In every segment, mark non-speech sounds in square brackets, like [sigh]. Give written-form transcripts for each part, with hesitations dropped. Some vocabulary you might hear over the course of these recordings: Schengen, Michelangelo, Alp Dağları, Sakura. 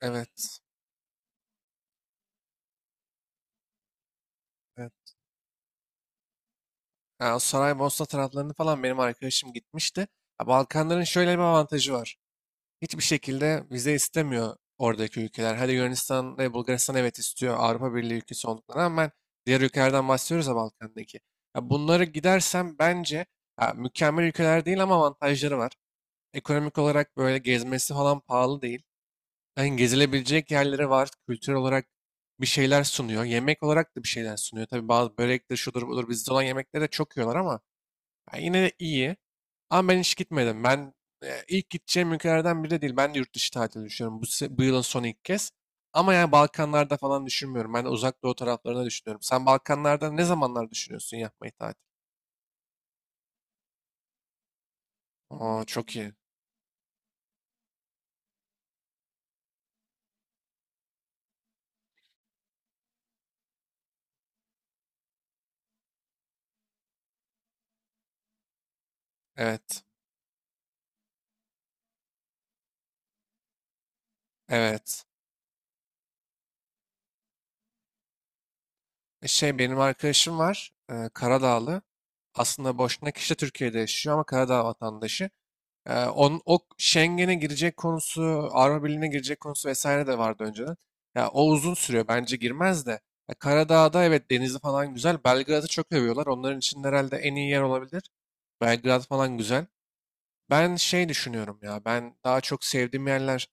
Evet. Evet. Ha, o saray Mosna taraflarını falan benim arkadaşım gitmişti. Ha, Balkanların şöyle bir avantajı var. Hiçbir şekilde vize istemiyor oradaki ülkeler. Hadi Yunanistan ve Bulgaristan evet istiyor Avrupa Birliği ülkesi olduklarına rağmen diğer ülkelerden bahsediyoruz ya Balkan'daki. Ya bunları gidersem bence ha, mükemmel ülkeler değil ama avantajları var. Ekonomik olarak böyle gezmesi falan pahalı değil. Yani gezilebilecek yerleri var. Kültür olarak bir şeyler sunuyor. Yemek olarak da bir şeyler sunuyor. Tabii bazı börektir, şudur budur bizde olan yemekleri de çok yiyorlar ama yani yine de iyi. Ama ben hiç gitmedim. Ben ilk gideceğim ülkelerden biri de değil. Ben de yurt dışı tatili düşünüyorum. Bu yılın son ilk kez. Ama yani Balkanlarda falan düşünmüyorum. Ben de Uzak Doğu taraflarına düşünüyorum. Sen Balkanlarda ne zamanlar düşünüyorsun yapmayı tatil? Aa, çok iyi. Evet. Evet. Şey benim arkadaşım var Karadağlı. Aslında boşuna kişi de Türkiye'de yaşıyor ama Karadağ vatandaşı. O Schengen'e girecek konusu, Avrupa Birliği'ne girecek konusu vesaire de vardı önceden. Ya, o uzun sürüyor bence girmez de. Ya, Karadağ'da evet denizi falan güzel. Belgrad'ı çok övüyorlar. Onların için herhalde en iyi yer olabilir. Belgrad falan güzel. Ben şey düşünüyorum ya, ben daha çok sevdiğim yerler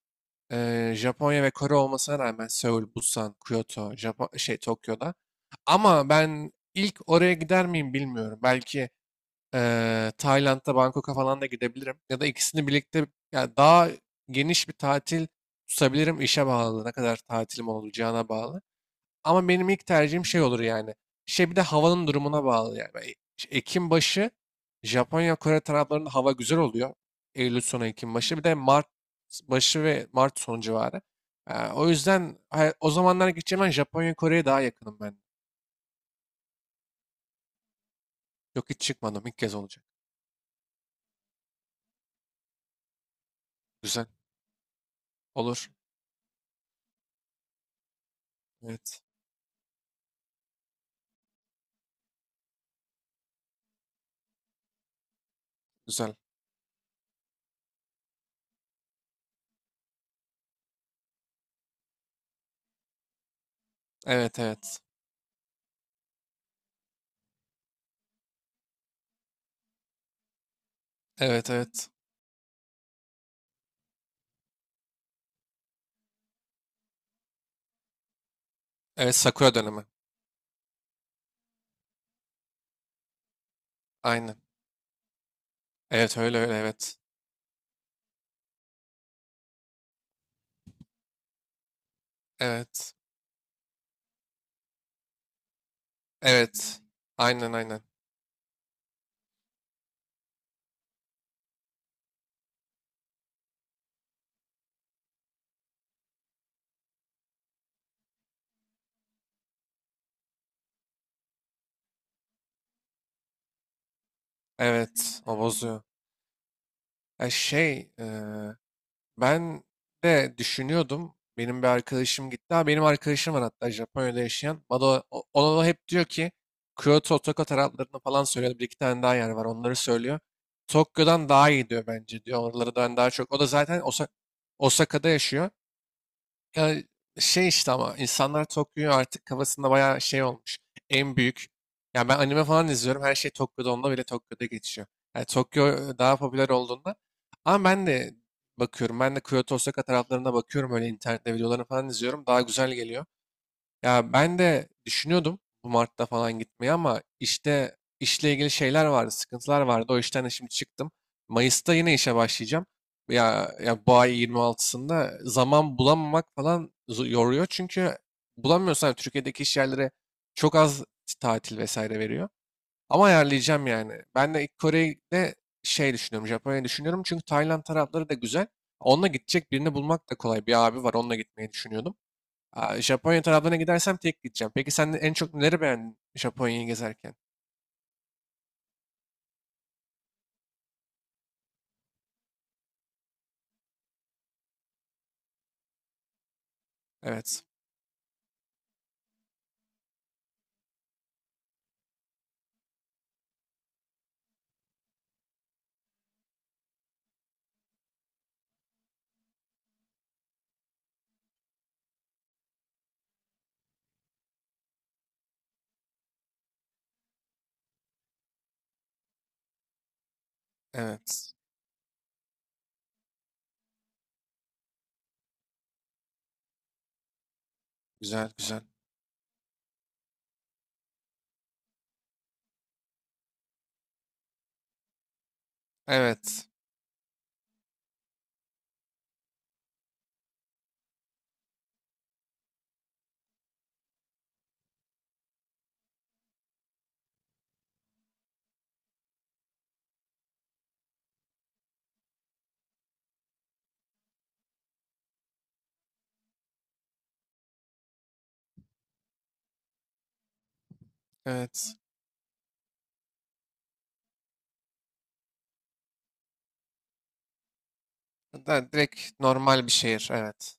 Japonya ve Kore olmasına rağmen Seul, Busan, Kyoto, Japon şey Tokyo'da. Ama ben ilk oraya gider miyim bilmiyorum. Belki Tayland'da Bangkok'a falan da gidebilirim. Ya da ikisini birlikte ya daha geniş bir tatil tutabilirim, işe bağlı. Ne kadar tatilim olacağına bağlı. Ama benim ilk tercihim şey olur yani. Şey, bir de havanın durumuna bağlı yani. Ben Ekim başı Japonya, Kore taraflarında hava güzel oluyor. Eylül sonu, Ekim başı. Bir de Mart başı ve Mart sonu civarı. O yüzden o zamanlar gideceğim ben, Japonya, Kore'ye daha yakınım ben. Yok, hiç çıkmadım. İlk kez olacak. Güzel. Olur. Evet. Güzel. Evet, evet. Evet, evet. Evet, Sakura dönemi. Aynen. Evet, öyle öyle. Evet. Evet. Evet. Aynen, aynen. Evet. O bozuyor. Ya şey, ben de düşünüyordum. Benim bir arkadaşım gitti. Ha, benim arkadaşım var hatta Japonya'da yaşayan. Bana, ona hep diyor ki Kyoto, Tokyo taraflarını falan söylüyor. Bir iki tane daha yer var, onları söylüyor. Tokyo'dan daha iyi diyor bence diyor. Oraları ben daha çok. O da zaten Osaka'da yaşıyor. Ya şey işte, ama insanlar Tokyo'yu artık kafasında bayağı şey olmuş. En büyük. Yani ben anime falan izliyorum. Her şey Tokyo'da, onda bile Tokyo'da geçiyor. Yani Tokyo daha popüler olduğunda. Ama ben de bakıyorum. Ben de Kyoto, Osaka taraflarına bakıyorum. Öyle internette videolarını falan izliyorum. Daha güzel geliyor. Ya ben de düşünüyordum bu Mart'ta falan gitmeyi, ama işte işle ilgili şeyler vardı, sıkıntılar vardı. O işten de şimdi çıktım. Mayıs'ta yine işe başlayacağım. Ya bu ay 26'sında zaman bulamamak falan yoruyor. Çünkü bulamıyorsan Türkiye'deki iş yerlere çok az tatil vesaire veriyor. Ama ayarlayacağım yani. Ben de ilk Kore'de şey düşünüyorum, Japonya'yı düşünüyorum. Çünkü Tayland tarafları da güzel. Onunla gidecek birini bulmak da kolay. Bir abi var, onunla gitmeyi düşünüyordum. Aa, Japonya taraflarına gidersem tek gideceğim. Peki sen en çok neleri beğendin Japonya'yı gezerken? Evet. Evet. Güzel, güzel. Evet. Evet. Da, direkt normal bir şehir. Evet.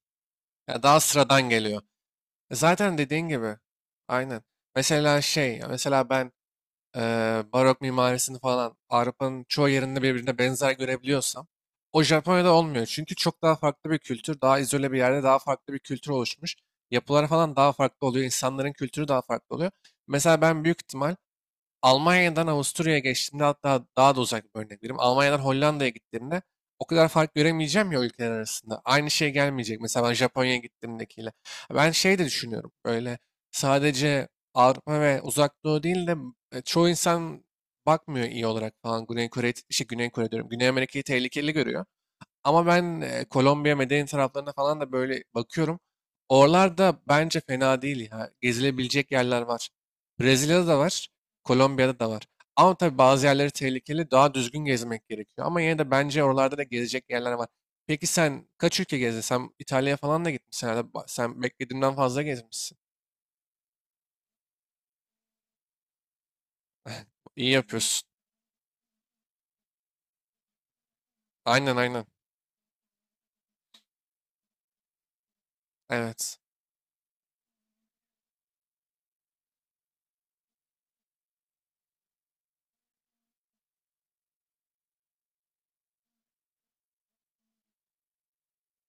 Ya daha sıradan geliyor. Zaten dediğin gibi. Aynen. Mesela şey, ya mesela ben eee, barok mimarisini falan Avrupa'nın çoğu yerinde birbirine benzer görebiliyorsam o Japonya'da olmuyor. Çünkü çok daha farklı bir kültür, daha izole bir yerde daha farklı bir kültür oluşmuş. Yapılar falan daha farklı oluyor, insanların kültürü daha farklı oluyor. Mesela ben büyük ihtimal Almanya'dan Avusturya'ya geçtiğimde, hatta daha da uzak bir örnek vereyim, Almanya'dan Hollanda'ya gittiğimde o kadar fark göremeyeceğim ya ülkeler arasında. Aynı şey gelmeyecek mesela ben Japonya'ya gittiğimdekiyle. Ben şey de düşünüyorum. Böyle sadece Avrupa ve Uzak Doğu değil de çoğu insan bakmıyor iyi olarak falan. Güney Kore, şey Güney Kore diyorum, Güney Amerika'yı tehlikeli görüyor. Ama ben Kolombiya, Medellin taraflarına falan da böyle bakıyorum. Oralarda bence fena değil ya. Gezilebilecek yerler var. Brezilya'da da var, Kolombiya'da da var. Ama tabii bazı yerleri tehlikeli, daha düzgün gezmek gerekiyor. Ama yine de bence oralarda da gezecek yerler var. Peki sen kaç ülke gezdin? Sen İtalya'ya falan da gitmişsin herhalde. Sen beklediğimden fazla gezmişsin. [laughs] İyi yapıyorsun. Aynen, aynen. Evet.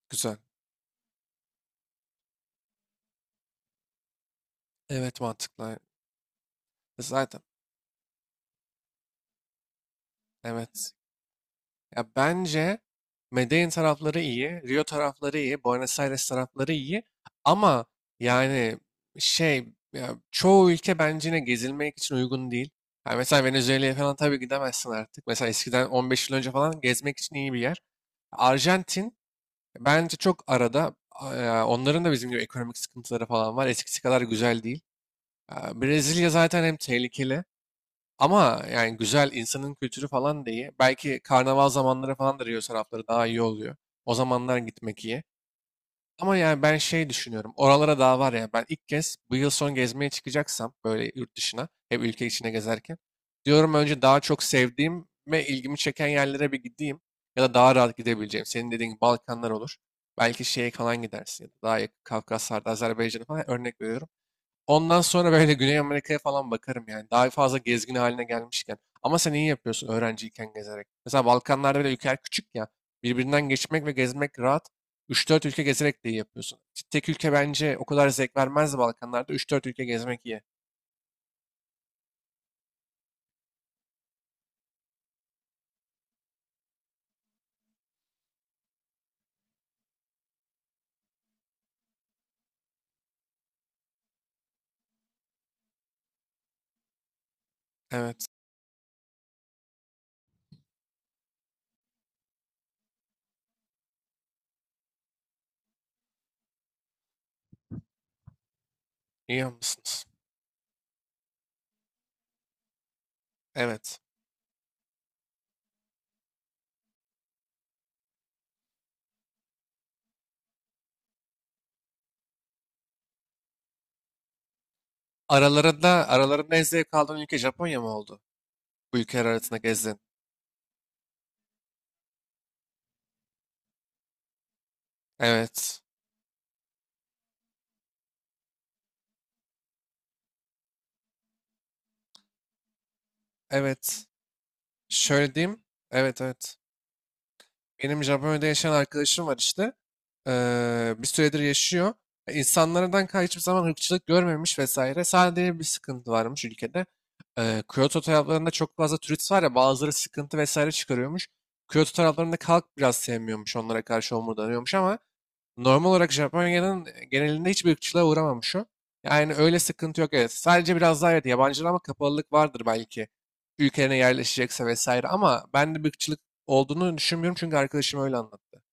Güzel. Evet, mantıklı. Zaten. Evet. Ya bence Medellin tarafları iyi, Rio tarafları iyi, Buenos Aires tarafları iyi. Ama yani şey, ya çoğu ülke bence yine gezilmek için uygun değil. Yani mesela Venezuela'ya falan tabii gidemezsin artık. Mesela eskiden 15 yıl önce falan gezmek için iyi bir yer. Arjantin bence çok arada. Onların da bizim gibi ekonomik sıkıntıları falan var. Eskisi kadar güzel değil. Brezilya zaten hem tehlikeli. Ama yani güzel, insanın kültürü falan da iyi. Belki karnaval zamanları falan da Rio tarafları daha iyi oluyor. O zamanlar gitmek iyi. Ama yani ben şey düşünüyorum, oralara daha var ya. Ben ilk kez bu yıl son gezmeye çıkacaksam böyle yurt dışına, hep ülke içine gezerken, diyorum önce daha çok sevdiğim ve ilgimi çeken yerlere bir gideyim. Ya da daha rahat gidebileceğim. Senin dediğin gibi Balkanlar olur. Belki şeye falan gidersin. Ya da daha yakın Kafkaslar'da, Azerbaycan'a falan, örnek veriyorum. Ondan sonra böyle Güney Amerika'ya falan bakarım yani. Daha fazla gezgin haline gelmişken. Ama sen iyi yapıyorsun öğrenciyken gezerek. Mesela Balkanlarda bile ülkeler küçük ya. Birbirinden geçmek ve gezmek rahat. Üç dört ülke gezerek de iyi yapıyorsun. Tek ülke bence o kadar zevk vermez Balkanlarda. Üç dört ülke gezmek iyi. Evet. İyi yapmışsınız. Evet. Aralarında en zevk aldığın ülke Japonya mı oldu? Bu ülkeler arasında gezdin. Evet. Evet. Şöyle diyeyim. Evet, evet. Benim Japonya'da yaşayan arkadaşım var işte. Bir süredir yaşıyor. İnsanlardan hiçbir zaman ırkçılık görmemiş vesaire. Sadece bir sıkıntı varmış ülkede. Kyoto taraflarında çok fazla turist var ya, bazıları sıkıntı vesaire çıkarıyormuş. Kyoto taraflarında halk biraz sevmiyormuş, onlara karşı homurdanıyormuş, ama normal olarak Japonya'nın genelinde hiçbir ırkçılığa uğramamış o. Yani öyle sıkıntı yok, evet. Sadece biraz daha, evet, yabancılara ama kapalılık vardır belki. Ülkelerine yerleşecekse vesaire, ama ben de bir ırkçılık olduğunu düşünmüyorum çünkü arkadaşım öyle anlattı.